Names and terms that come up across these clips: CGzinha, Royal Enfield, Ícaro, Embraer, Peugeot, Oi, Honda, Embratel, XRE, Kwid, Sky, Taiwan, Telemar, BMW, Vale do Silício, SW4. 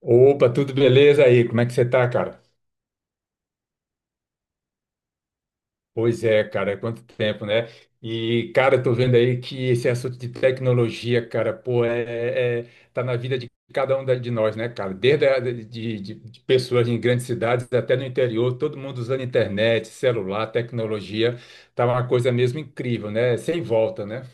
Opa, tudo beleza aí? Como é que você tá, cara? Pois é, cara, é quanto tempo, né? Cara, eu tô vendo aí que esse assunto de tecnologia, cara, pô, tá na vida de cada um de nós, né, cara? Desde de pessoas em grandes cidades até no interior, todo mundo usando internet, celular, tecnologia, tá uma coisa mesmo incrível, né? Sem volta, né?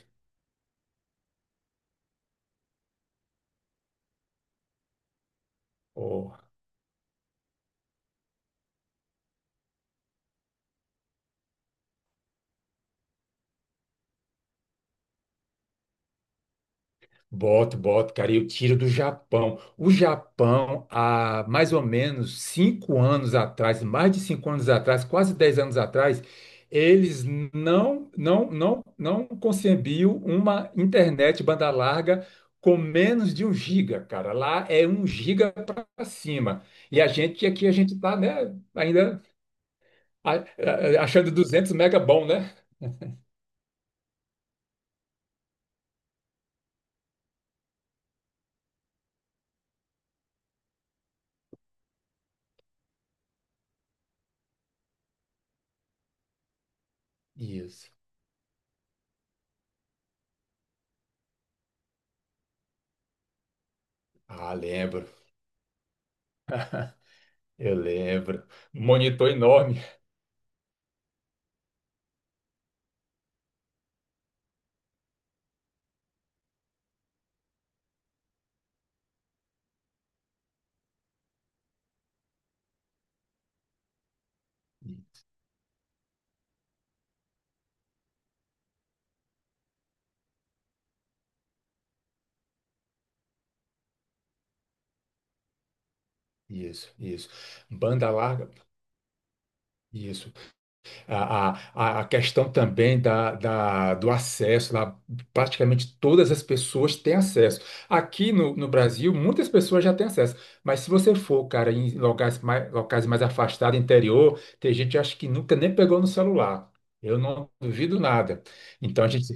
Boto, boto, cara, e eu tiro do Japão. O Japão, há mais ou menos cinco anos atrás, mais de cinco anos atrás, quase dez anos atrás, eles não concebiam uma internet banda larga com menos de um giga, cara. Lá é um giga para cima. E a gente aqui a gente tá, né? Ainda a- achando duzentos mega bom, né? Isso. Ah, lembro. Eu lembro. Monitor enorme. Isso, isso. Banda larga, isso. A, a, a questão também do acesso, lá, praticamente todas as pessoas têm acesso. Aqui no Brasil, muitas pessoas já têm acesso, mas se você for, cara, em locais mais afastados, interior, tem gente que acho que nunca nem pegou no celular. Eu não duvido nada. Então a gente.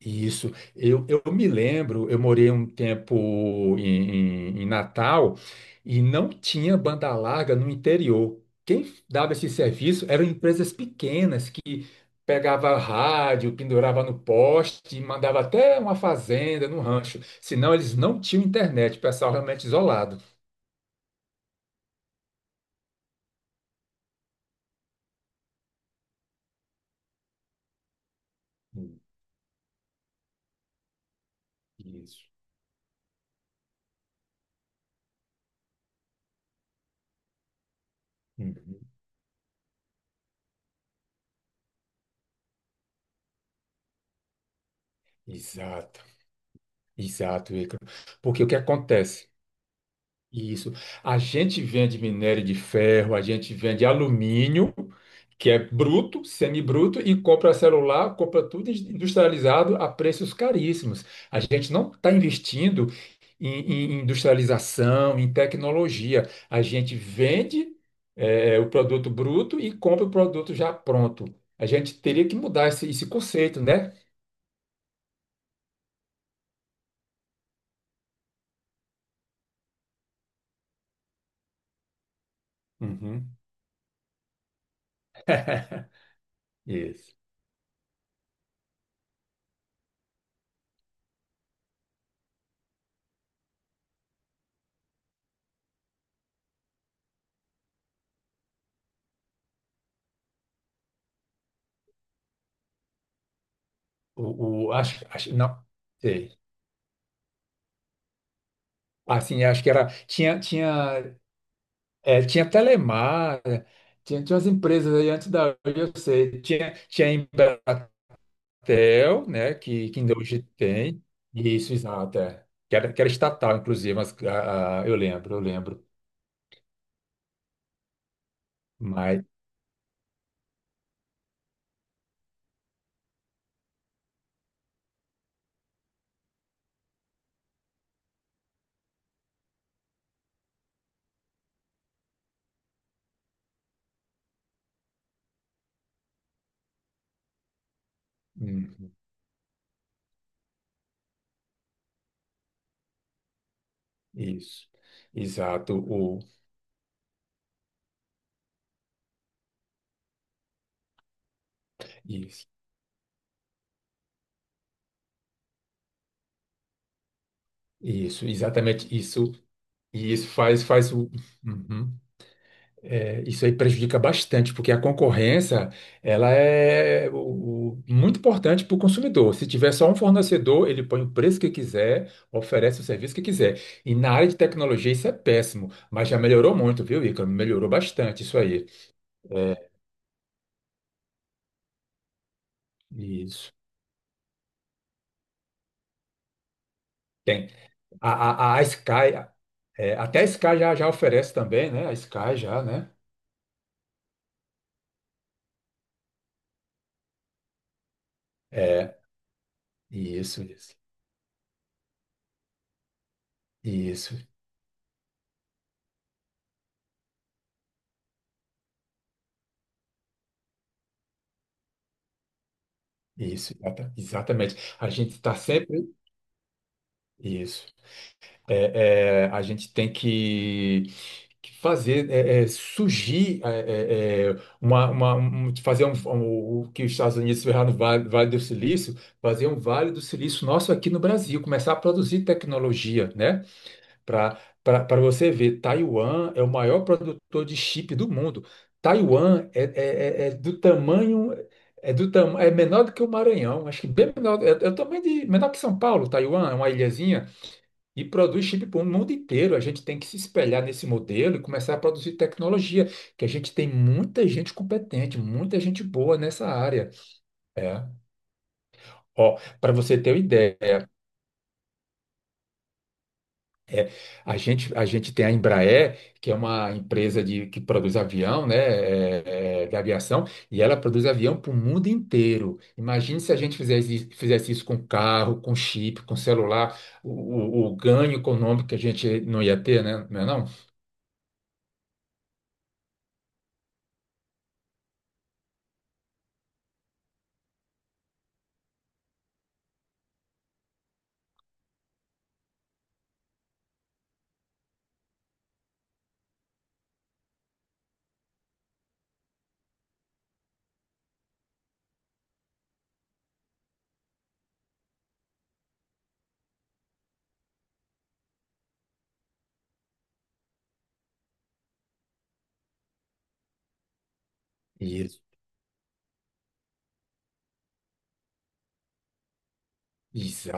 Isso. Eu me lembro, eu morei um tempo em Natal e não tinha banda larga no interior. Quem dava esse serviço eram empresas pequenas que pegava rádio, pendurava no poste, e mandava até uma fazenda, no rancho. Senão eles não tinham internet, o pessoal realmente isolado. Isso. Uhum. Exato, exato, Ícaro. Porque o que acontece? Isso. A gente vende minério de ferro, a gente vende alumínio, que é bruto, semibruto, e compra celular, compra tudo industrializado a preços caríssimos. A gente não está investindo em, em industrialização, em tecnologia. A gente vende, o produto bruto e compra o produto já pronto. A gente teria que mudar esse conceito, né? Uhum. Isso. Acho, acho, não. Sei. Assim, acho que era. Tinha Telemar, tinha umas empresas aí antes da Oi, eu sei. Tinha a Embratel, né? Que ainda hoje tem. Isso, exato. É. Que era estatal, inclusive, mas eu lembro, eu lembro. Mas. Uhum, isso. Exato. O, isso, isso, exatamente isso. E isso faz, faz o. Uhum. É, isso aí prejudica bastante, porque a concorrência ela é muito importante para o consumidor. Se tiver só um fornecedor, ele põe o preço que quiser, oferece o serviço que quiser. E na área de tecnologia isso é péssimo, mas já melhorou muito, viu, Ícaro? Melhorou bastante isso aí. É, isso. Tem. A, a Sky, é, até a Sky já oferece também, né? A Sky já, né? É, isso, isso, isso, isso, exatamente. A gente está sempre. Isso. É, é, a gente tem que fazer surgir é, fazer o que os Estados Unidos fizeram no Vale, Vale do Silício, fazer um Vale do Silício nosso aqui no Brasil, começar a produzir tecnologia, né? Para Para você ver, Taiwan é o maior produtor de chip do mundo. Taiwan é do tamanho é menor do que o Maranhão, acho que bem menor, é, é o tamanho de menor que São Paulo, Taiwan, é uma ilhazinha. E produz chip para o mundo inteiro. A gente tem que se espelhar nesse modelo e começar a produzir tecnologia, que a gente tem muita gente competente, muita gente boa nessa área. É. Ó, para você ter uma ideia, é, a gente tem a Embraer, que é uma empresa de, que produz avião, né, de aviação, e ela produz avião para o mundo inteiro. Imagine se a gente fizesse, fizesse isso com carro, com chip, com celular, o ganho econômico que a gente não ia ter, né? Não é não? Isso. Isso,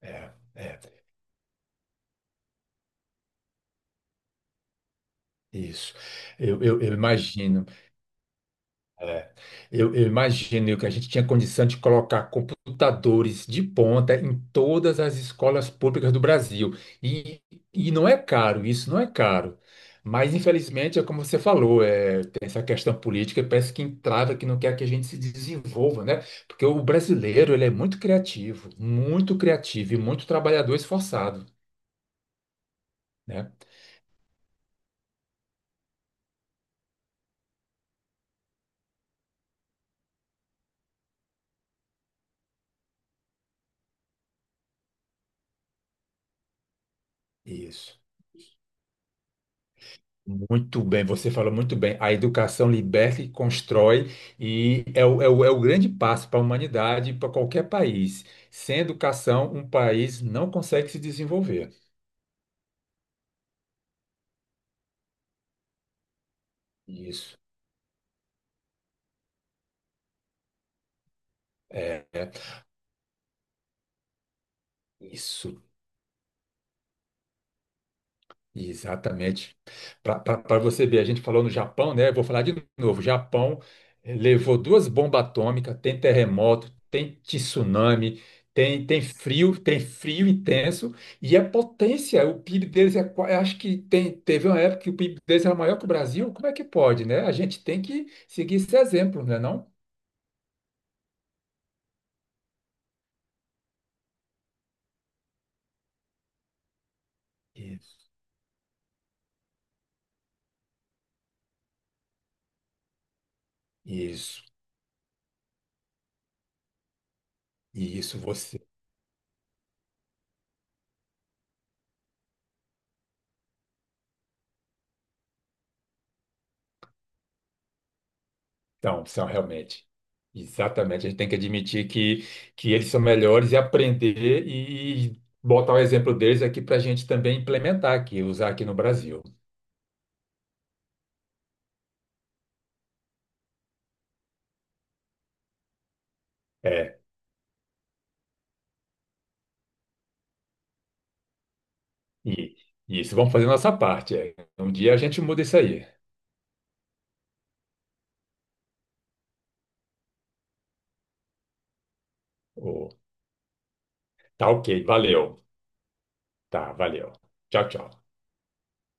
é, é, isso. Eu imagino. É. Eu imagino que a gente tinha condição de colocar computadores de ponta em todas as escolas públicas do Brasil. E, e não é caro, isso não é caro. Mas, infelizmente, é como você falou, é, tem essa questão política, parece que entrava, que não quer que a gente se desenvolva, né? Porque o brasileiro, ele é muito criativo e muito trabalhador esforçado, né? Isso. Muito bem, você falou muito bem. A educação liberta e constrói, e é é o grande passo para a humanidade, e para qualquer país. Sem educação, um país não consegue se desenvolver. Isso, é, é, isso. Exatamente. Para você ver, a gente falou no Japão, né? Vou falar de novo. Japão levou duas bombas atômicas, tem terremoto, tem tsunami, tem frio intenso e é potência. O PIB deles é, qua- acho que tem, teve uma época que o PIB deles era maior que o Brasil. Como é que pode, né? A gente tem que seguir esse exemplo, não é não? Isso. Isso, isso. Você então são realmente. Exatamente. A gente tem que admitir que eles são melhores e aprender e botar o exemplo deles aqui para a gente também implementar aqui, usar aqui no Brasil. É, e, e isso vamos fazer nossa parte. É. Um dia a gente muda isso aí. Ô, tá ok, valeu. Tá, valeu. Tchau, tchau.